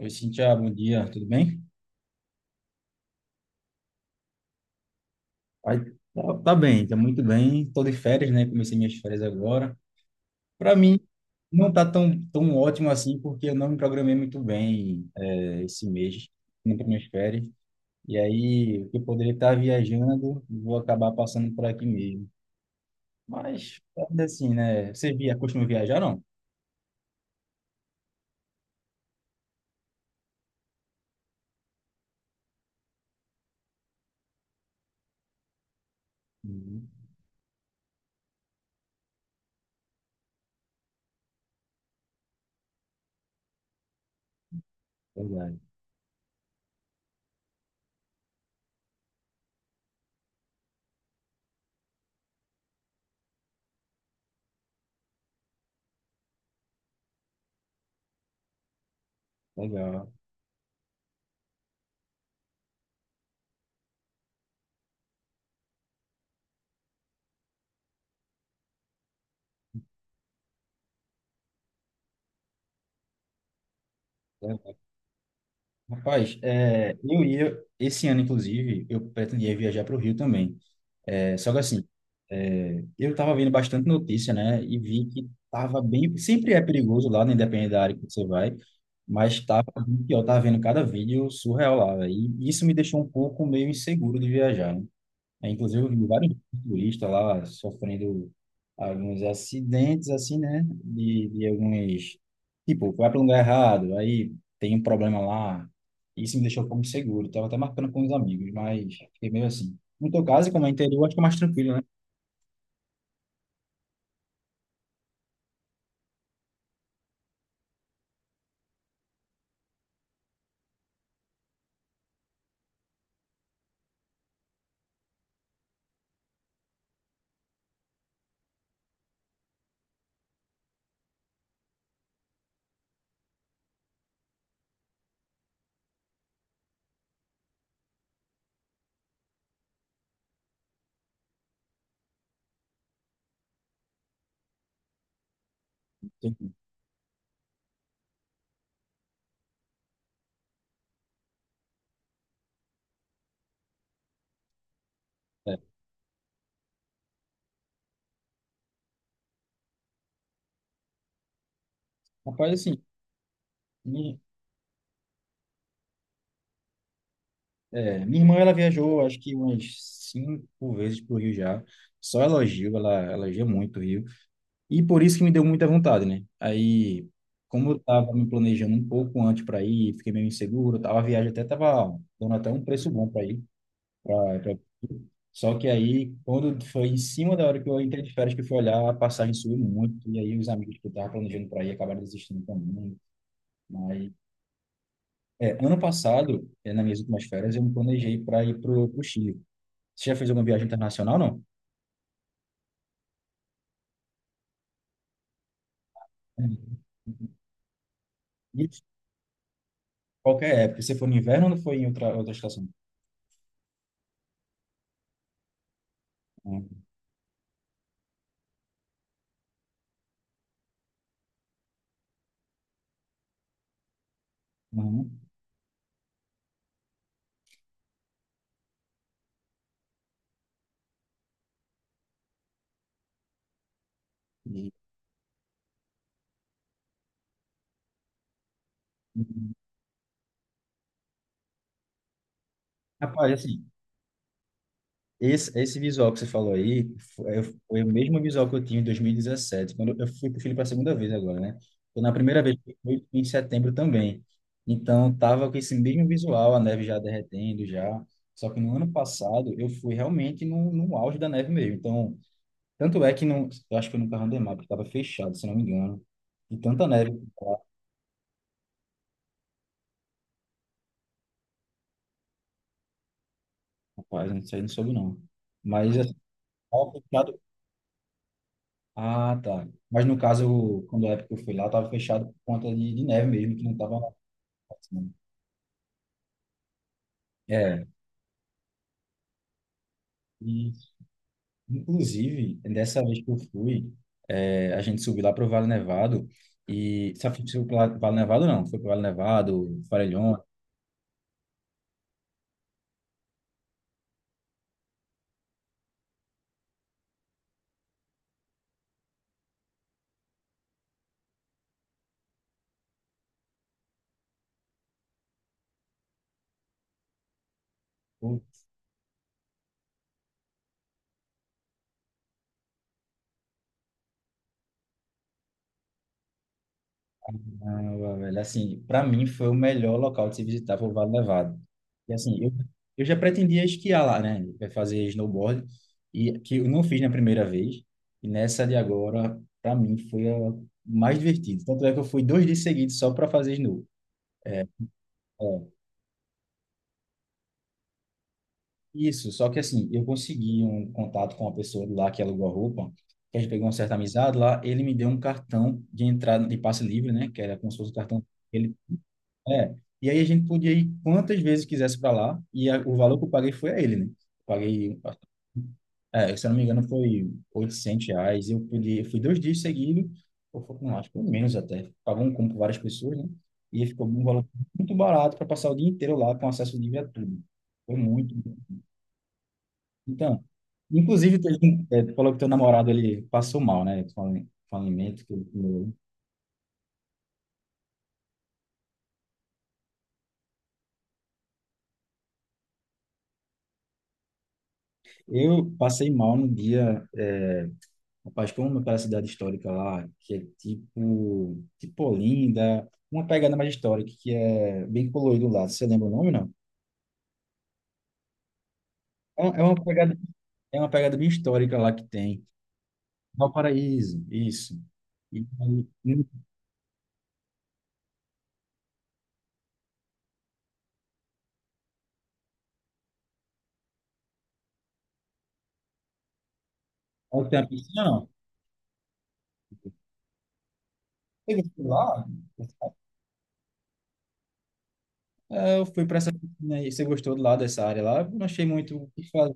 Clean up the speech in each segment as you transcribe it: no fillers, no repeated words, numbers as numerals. Oi, Cintia, bom dia, tudo bem? Ai, tá bem, tá muito bem. Tô de férias, né? Comecei minhas férias agora. Para mim, não tá tão ótimo assim, porque eu não me programei muito bem esse mês, indo para minhas férias. E aí, o que eu poderia estar viajando, vou acabar passando por aqui mesmo. Mas, ainda assim, né? Você via, costuma viajar, não? Uhum, verdade, legal. Legal. Rapaz, eu ia, esse ano, inclusive, eu pretendia viajar para o Rio também. É, só que assim, eu estava vendo bastante notícia, né? E vi que estava bem. Sempre é perigoso lá, né, independente da área que você vai, mas estava bem pior. Estava vendo cada vídeo surreal lá, véio. E isso me deixou um pouco meio inseguro de viajar, né? É, inclusive, eu vi vários turistas lá sofrendo alguns acidentes, assim, né? De alguns. Tipo, vai para um lugar errado, aí tem um problema lá. Isso me deixou um pouco inseguro. Estava até marcando com os amigos, mas fiquei meio assim. No teu caso, como é interior, acho que é mais tranquilo, né? É. Rapaz, assim, minha, minha irmã ela viajou acho que umas cinco vezes pro Rio já. Só elogio, ela elogia muito o Rio. E por isso que me deu muita vontade, né? Aí, como eu tava me planejando um pouco antes para ir, fiquei meio inseguro, tava, a viagem até tava dando até um preço bom para ir. pra- pra- Só que aí, quando foi em cima da hora que eu entrei de férias, que eu fui olhar, a passagem subiu muito. E aí, os amigos que eu tava planejando para ir acabaram desistindo também. Mas é, ano passado, nas minhas últimas férias, eu me planejei para ir para o Chile. Você já fez alguma viagem internacional, não? Uhum. Isso. Qualquer época. Você foi no inverno ou foi em outra estação? Uhum. Uhum. E- uhum. Rapaz, assim, esse visual que você falou aí foi o mesmo visual que eu tinha em 2017, quando eu fui para o Chile para a segunda vez agora, né? Então, na primeira vez que eu fui em setembro também. Então, tava com esse mesmo visual, a neve já derretendo, já. Só que no ano passado eu fui realmente no auge da neve mesmo. Então, tanto é que não, eu acho que eu nunca andei mais, porque estava fechado, se não me engano. E tanta neve, rapaz, isso aí não soube não. Mas assim, tava fechado. Ah, tá. Mas no caso, quando a época que eu fui lá, estava fechado por conta de neve mesmo, que não estava na parte, né? É, e inclusive, dessa vez que eu fui, é, a gente subiu lá para o Vale Nevado, e sabe se foi para Vale Nevado não, foi para o Vale Nevado, Farelhões, caramba, velho. Assim, para mim foi o melhor local de se visitar, foi o Vale Nevado. E assim, eu já pretendia esquiar lá, né? É, fazer snowboard, e que eu não fiz na primeira vez. E nessa de agora, para mim, foi a mais divertida. Tanto é que eu fui dois dias seguidos só para fazer snow. É, isso, só que assim, eu consegui um contato com uma pessoa de lá que alugou a roupa, que a gente pegou uma certa amizade lá, ele me deu um cartão de entrada de passe livre, né? Que era como se fosse um cartão. Ele É. E aí a gente podia ir quantas vezes quisesse para lá, e o valor que eu paguei foi a ele, né? Paguei, é, se eu não me engano, foi R$ 800. Eu podia, fui dois dias seguidos, ou foi, não, acho que foi menos até. Pagou um combo com várias pessoas, né? E ficou um valor muito barato para passar o dia inteiro lá com acesso livre a tudo. Foi muito bom. Então, inclusive, é, tu falou que teu namorado ele passou mal, né? Com com alimento que ele comeu. Eu passei mal no dia. É, rapaz, como aquela cidade histórica lá, que é tipo Olinda, uma pegada mais histórica, que é bem colorido lá. Você lembra o nome, não? É uma é uma pegada, é uma pegada bem histórica lá que tem. Valparaíso, isso. E aí, não tem a piscina, não. Você gostou lá? É, eu fui para essa piscina aí. Você gostou lá dessa área lá? Eu não achei muito o que fazer.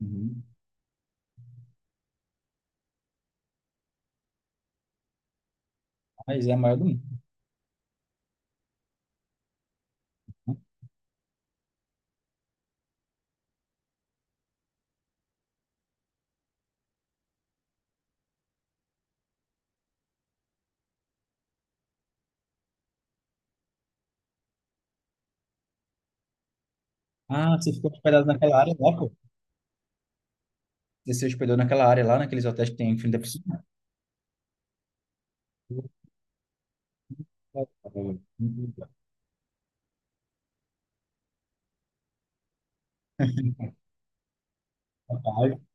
Uhum. Mas é a maior do mundo. Ah, você ficou hospedado naquela área lá, pô? Você se hospedou naquela área lá, naqueles hotéis que tem em frente da piscina?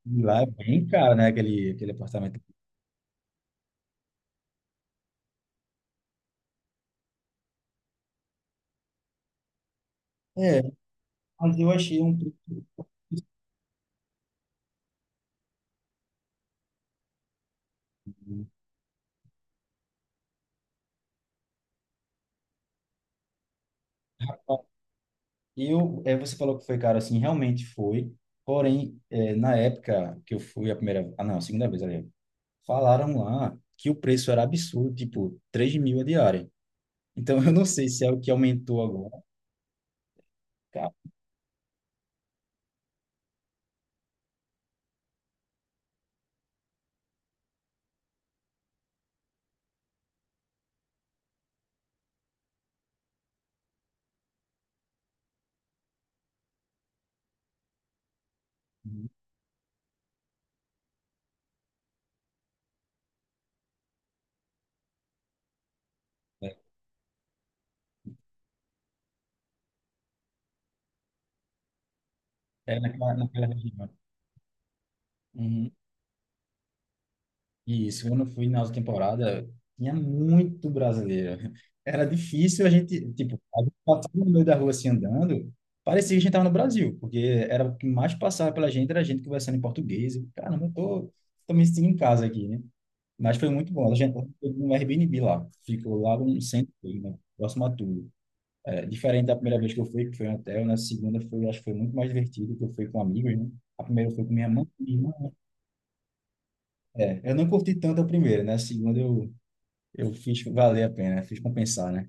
E lá é bem caro, né? Aquele apartamento. É, mas eu achei um preço. Eu, é, você falou que foi caro assim, realmente foi. Porém, é, na época que eu fui a primeira, ah não, a segunda vez, aliás, falaram lá que o preço era absurdo, tipo, 3 mil a diária. Então, eu não sei se é o que aumentou agora. Cara, é é naquela região. Uhum. Isso, quando eu fui na outra temporada, tinha muito brasileiro. Era difícil a gente, tipo, a gente passava no meio da rua assim andando, parecia que a gente estava no Brasil, porque era o que mais passava pela gente, era a gente conversando em português. Eu, caramba, tô me sentindo em casa aqui, né? Mas foi muito bom. A gente foi no Airbnb lá, ficou lá no centro, né? Próximo a tudo. É, diferente da primeira vez que eu fui, que foi em hotel, na segunda foi, acho que foi muito mais divertido, que eu fui com amigos, né? A primeira foi com minha mãe, e minha irmã. É, eu não curti tanto a primeira, né? A segunda eu fiz valer a pena, fiz compensar, né?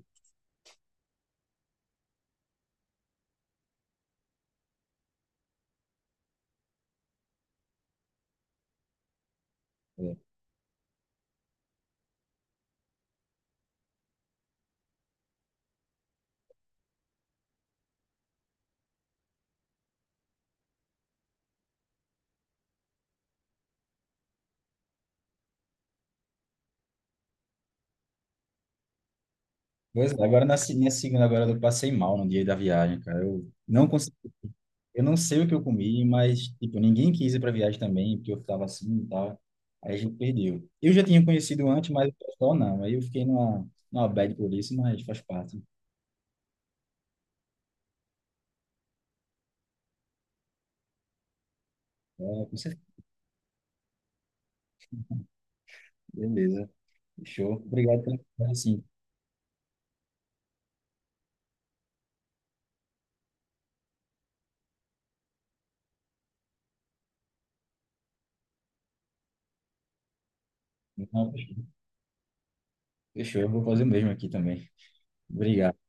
É. Pois é, agora na minha segunda agora eu passei mal no dia da viagem, cara. Eu não consegui, eu não sei o que eu comi, mas tipo, ninguém quis ir para viagem também, porque eu ficava assim e tal. Aí a gente perdeu. Eu já tinha conhecido antes, mas o pessoal não. Aí eu fiquei numa bad por isso, mas faz parte. É, com certeza. Beleza. Fechou. Obrigado pela assim. Fechou. Fechou, eu vou fazer o mesmo aqui também. Obrigado.